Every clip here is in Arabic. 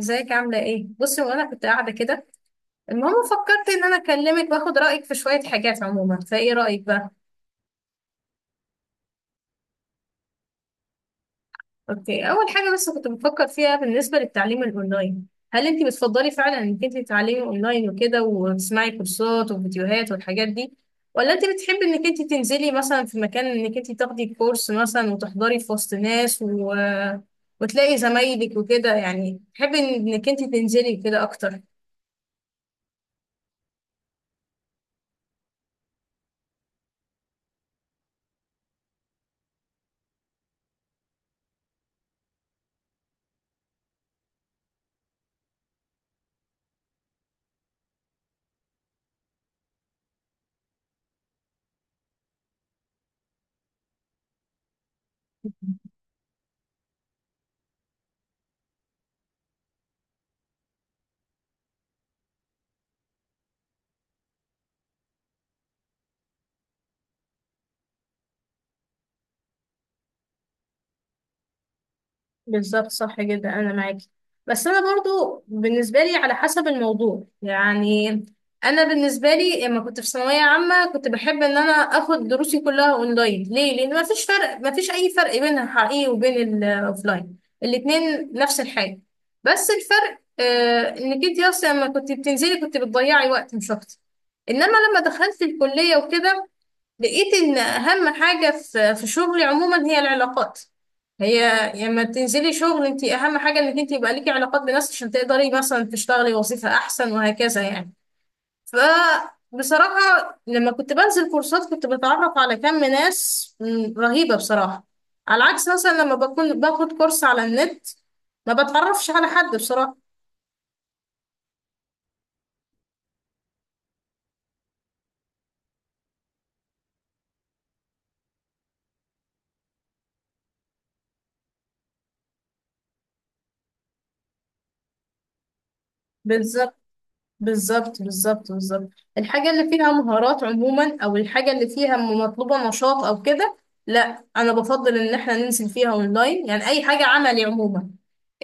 ازيك؟ عاملة ايه؟ بصي، وانا كنت قاعدة كده. المهم فكرت ان انا اكلمك واخد رأيك في شوية حاجات عموما، فايه رأيك بقى؟ اوكي، اول حاجة بس كنت بفكر فيها بالنسبة للتعليم الاونلاين، هل انت بتفضلي فعلا انك انت تتعلمي اونلاين وكده وتسمعي كورسات وفيديوهات والحاجات دي، ولا انت بتحبي انك انت تنزلي مثلا في مكان انك انت تاخدي كورس مثلا وتحضري في وسط ناس و وتلاقي زمايلك وكده، يعني تحبي انك انت تنزلي كده اكتر؟ بالظبط، صح جدا، انا معاكي. بس انا برضو بالنسبه لي على حسب الموضوع يعني. انا بالنسبه لي لما كنت في ثانويه عامه كنت بحب ان انا اخد دروسي كلها اونلاين، ليه؟ لان ما فيش فرق، ما فيش اي فرق بين الحقيقي وبين الاوفلاين، الاتنين نفس الحاجه. بس الفرق آه، انك انت اصلا لما كنت بتنزلي كنت بتضيعي وقت مش اكتر. انما لما دخلت الكليه وكده لقيت ان اهم حاجة في شغلي عموما هي العلاقات. هي لما تنزلي شغل انت اهم حاجة انك انت يبقى ليكي علاقات بناس عشان تقدري مثلا تشتغلي وظيفة احسن، وهكذا يعني. فبصراحة لما كنت بنزل كورسات كنت بتعرف على كم ناس رهيبة بصراحة، على عكس مثلا لما بكون باخد كورس على النت ما بتعرفش على حد بصراحة. بالظبط. بالظبط. الحاجة اللي فيها مهارات عموما، أو الحاجة اللي فيها مطلوبة نشاط أو كده، لا، أنا بفضل إن إحنا ننزل فيها أونلاين، يعني أي حاجة عملي عموما.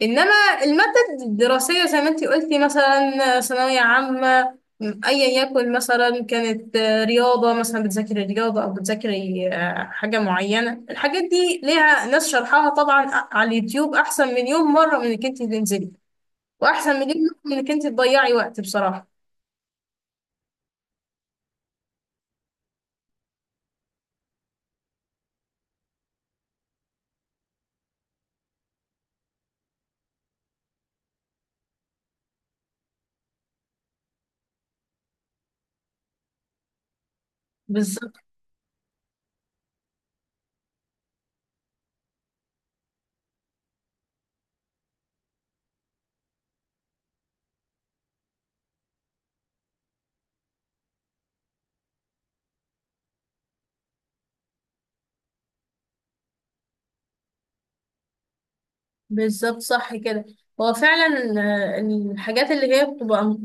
إنما المادة الدراسية زي ما أنتي قلتي، مثلا ثانوية عامة، أيا يكن، مثلا كانت رياضة، مثلا بتذاكري رياضة أو بتذاكري حاجة معينة، الحاجات دي ليها ناس شرحها طبعا على اليوتيوب أحسن مليون مرة من إنك أنتي تنزلي، وأحسن مليون مرة من إنك أنتي تضيعي وقت بصراحة. بالظبط، بالظبط، صح كده. هو فعلا الحاجات اللي هي بتبقى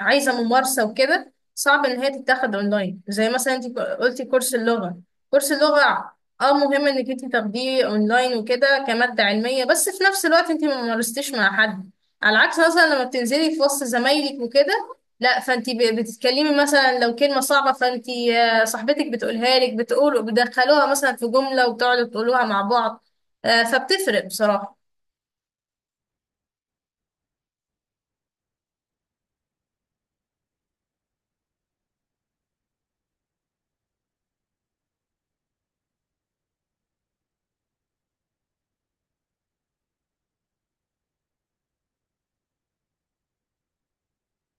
عايزة ممارسة وكده صعب إن هي تتاخد أونلاين، زي مثلا أنت قلتي كورس اللغة. كورس اللغة، اه مهم انك انت تاخديه اونلاين وكده كمادة علمية، بس في نفس الوقت انت ما مارستيش مع حد. على عكس مثلا لما بتنزلي في وسط زمايلك وكده، لا، فانت بتتكلمي، مثلا لو كلمة صعبة فانت صاحبتك بتقولها لك، بتقول بتدخلوها مثلا في جملة وبتقعدوا تقولوها مع بعض. فبتفرق بصراحة.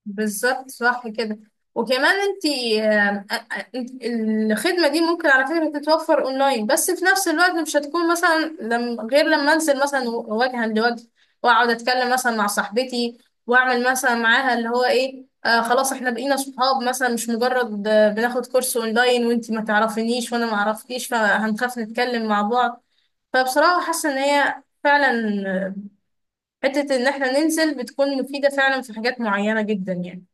بالظبط، صح كده. وكمان انت الخدمة دي ممكن على فكرة تتوفر اونلاين، بس في نفس الوقت مش هتكون مثلا لم غير لما انزل مثلا وجها لوجه، واقعد اتكلم مثلا مع صاحبتي، واعمل مثلا معاها اللي هو ايه، آه خلاص احنا بقينا صحاب مثلا، مش مجرد بناخد كورس اونلاين وانت ما تعرفينيش وانا ما اعرفكيش فهنخاف نتكلم مع بعض. فبصراحة حاسة ان هي فعلا آه، حتة ان احنا ننزل بتكون مفيدة فعلا في حاجات معينة جدا يعني.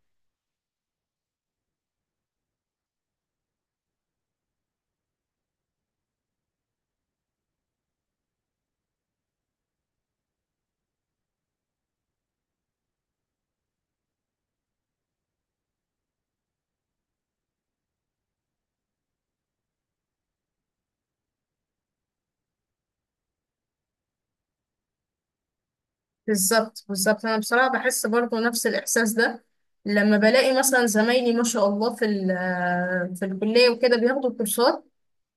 بالظبط، انا بصراحه بحس برضو نفس الاحساس ده، لما بلاقي مثلا زمايلي ما شاء الله في الكليه وكده بياخدوا كورسات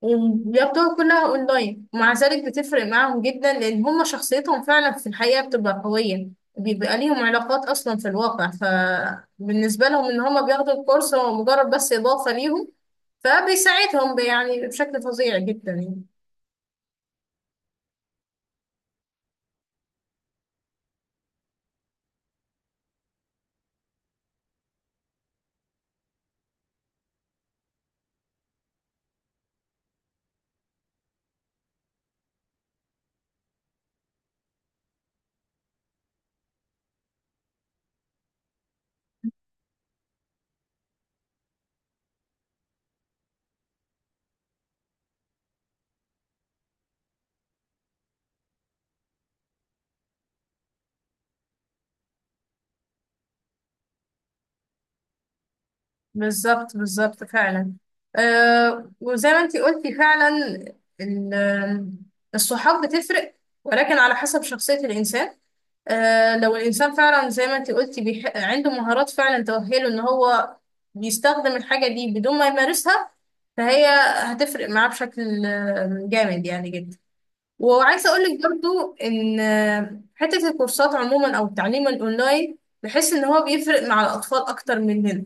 وبياخدوها كلها اونلاين، ومع ذلك بتفرق معاهم جدا لان هم شخصيتهم فعلا في الحقيقه بتبقى قويه، بيبقى ليهم علاقات اصلا في الواقع، فبالنسبه لهم ان هم بياخدوا الكورس هو مجرد بس اضافه ليهم، فبيساعدهم يعني بشكل فظيع جدا يعني. بالظبط، بالظبط فعلا. أه، وزي ما انتي قلتي فعلا، ال- الصحاب بتفرق، ولكن على حسب شخصية الإنسان. أه لو الإنسان فعلا زي ما انتي قلتي عنده مهارات فعلا تؤهله إن هو بيستخدم الحاجة دي بدون ما يمارسها، فهي هتفرق معاه بشكل جامد يعني جدا. وعايزة أقولك برضو إن حتة الكورسات عموما أو التعليم الأونلاين بحس إن هو بيفرق مع الأطفال أكتر مننا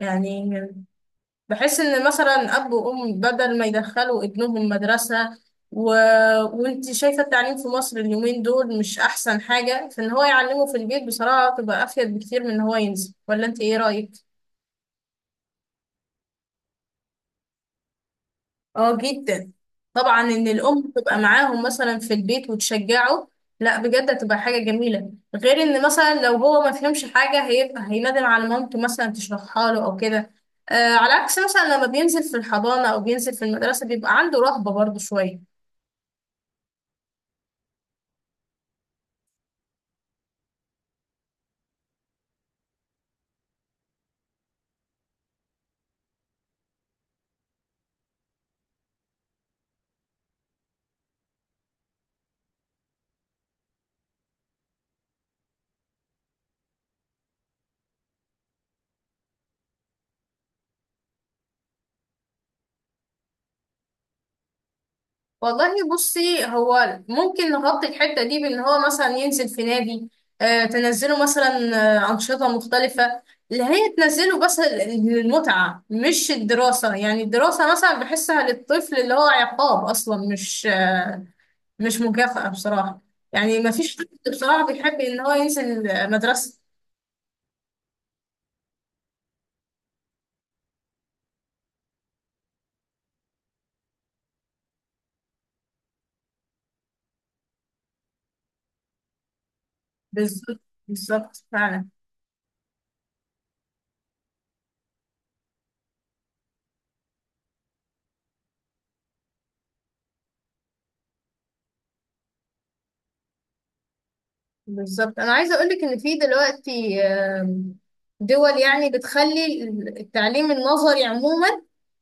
يعني. بحس ان مثلا اب وام بدل ما يدخلوا ابنهم مدرسه و وانت شايفه التعليم في مصر اليومين دول مش احسن حاجه، فان هو يعلمه في البيت بصراحه تبقى افيد بكتير من ان هو ينزل، ولا انت ايه رايك؟ اه جدا، طبعا ان الام تبقى معاهم مثلا في البيت وتشجعه. لا بجد هتبقى حاجه جميله، غير ان مثلا لو هو ما فهمش حاجه هيبقى هيندم على مامته مثلا تشرحها له او كده. آه، على عكس مثلا لما بينزل في الحضانه او بينزل في المدرسه بيبقى عنده رهبه برضه شويه. والله بصي هو ممكن نغطي الحتة دي بإن هو مثلا ينزل في نادي، آه تنزله مثلا آه أنشطة مختلفة، اللي هي تنزله بس للمتعة مش الدراسة، يعني الدراسة مثلا بحسها للطفل اللي هو عقاب أصلا، مش آه مش مكافأة بصراحة. يعني مفيش طفل بصراحة بيحب إن هو ينزل مدرسة. بالظبط، بالظبط فعلا. بالظبط، انا عايزه اقول لك ان في دلوقتي دول يعني بتخلي التعليم النظري عموما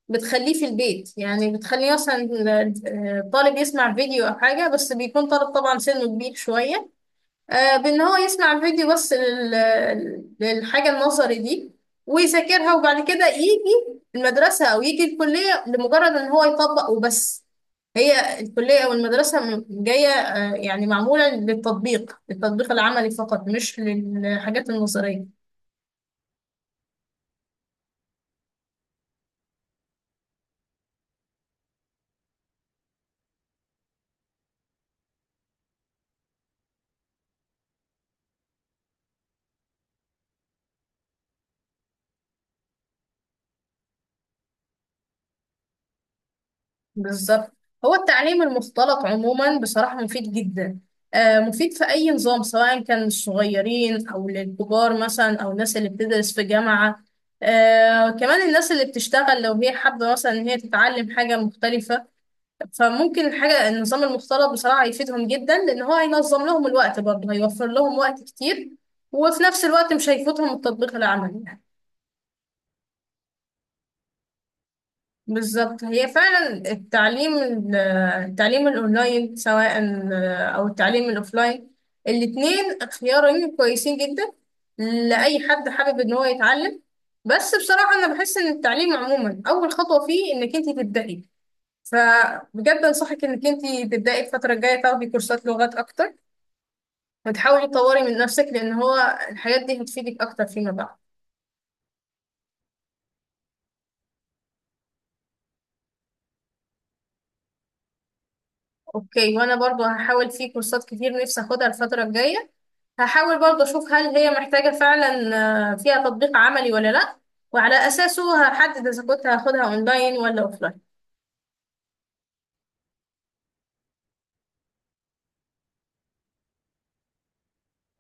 بتخليه في البيت، يعني بتخليه مثلا طالب يسمع فيديو او حاجه، بس بيكون طالب طبعا سنه كبير شويه، بان هو يسمع الفيديو بس للحاجه النظري دي ويذاكرها، وبعد كده يجي المدرسه او يجي الكليه لمجرد ان هو يطبق وبس. هي الكليه او المدرسه جايه يعني معموله للتطبيق، للتطبيق العملي فقط، مش للحاجات النظريه. بالظبط. هو التعليم المختلط عموما بصراحة مفيد جدا، مفيد في أي نظام سواء كان للصغيرين أو للكبار مثلا، أو الناس اللي بتدرس في جامعة، كمان الناس اللي بتشتغل لو هي حابة مثلا إن هي تتعلم حاجة مختلفة، فممكن الحاجة النظام المختلط بصراحة يفيدهم جدا، لأن هو هينظم لهم الوقت برضه، هيوفر لهم وقت كتير، وفي نفس الوقت مش هيفوتهم التطبيق العملي. بالظبط، هي فعلا التعليم الاونلاين سواء او التعليم الاوفلاين، الاتنين خيارين كويسين جدا لاي حد حابب ان هو يتعلم. بس بصراحة انا بحس ان التعليم عموما اول خطوة فيه انك انت تبدأي، فبجد انصحك انك انت تبدأي الفترة الجاية تاخدي كورسات لغات اكتر، وتحاولي تطوري من نفسك، لان هو الحاجات دي هتفيدك اكتر فيما بعد. اوكي، وانا برضو هحاول في كورسات كتير نفسي اخدها الفترة الجاية، هحاول برضه أشوف هل هي محتاجة فعلا فيها تطبيق عملي ولا لأ، وعلى أساسه هحدد إذا كنت هاخدها أونلاين ولا أوفلاين.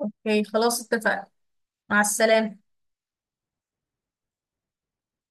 أوكي خلاص اتفقنا. مع السلامة.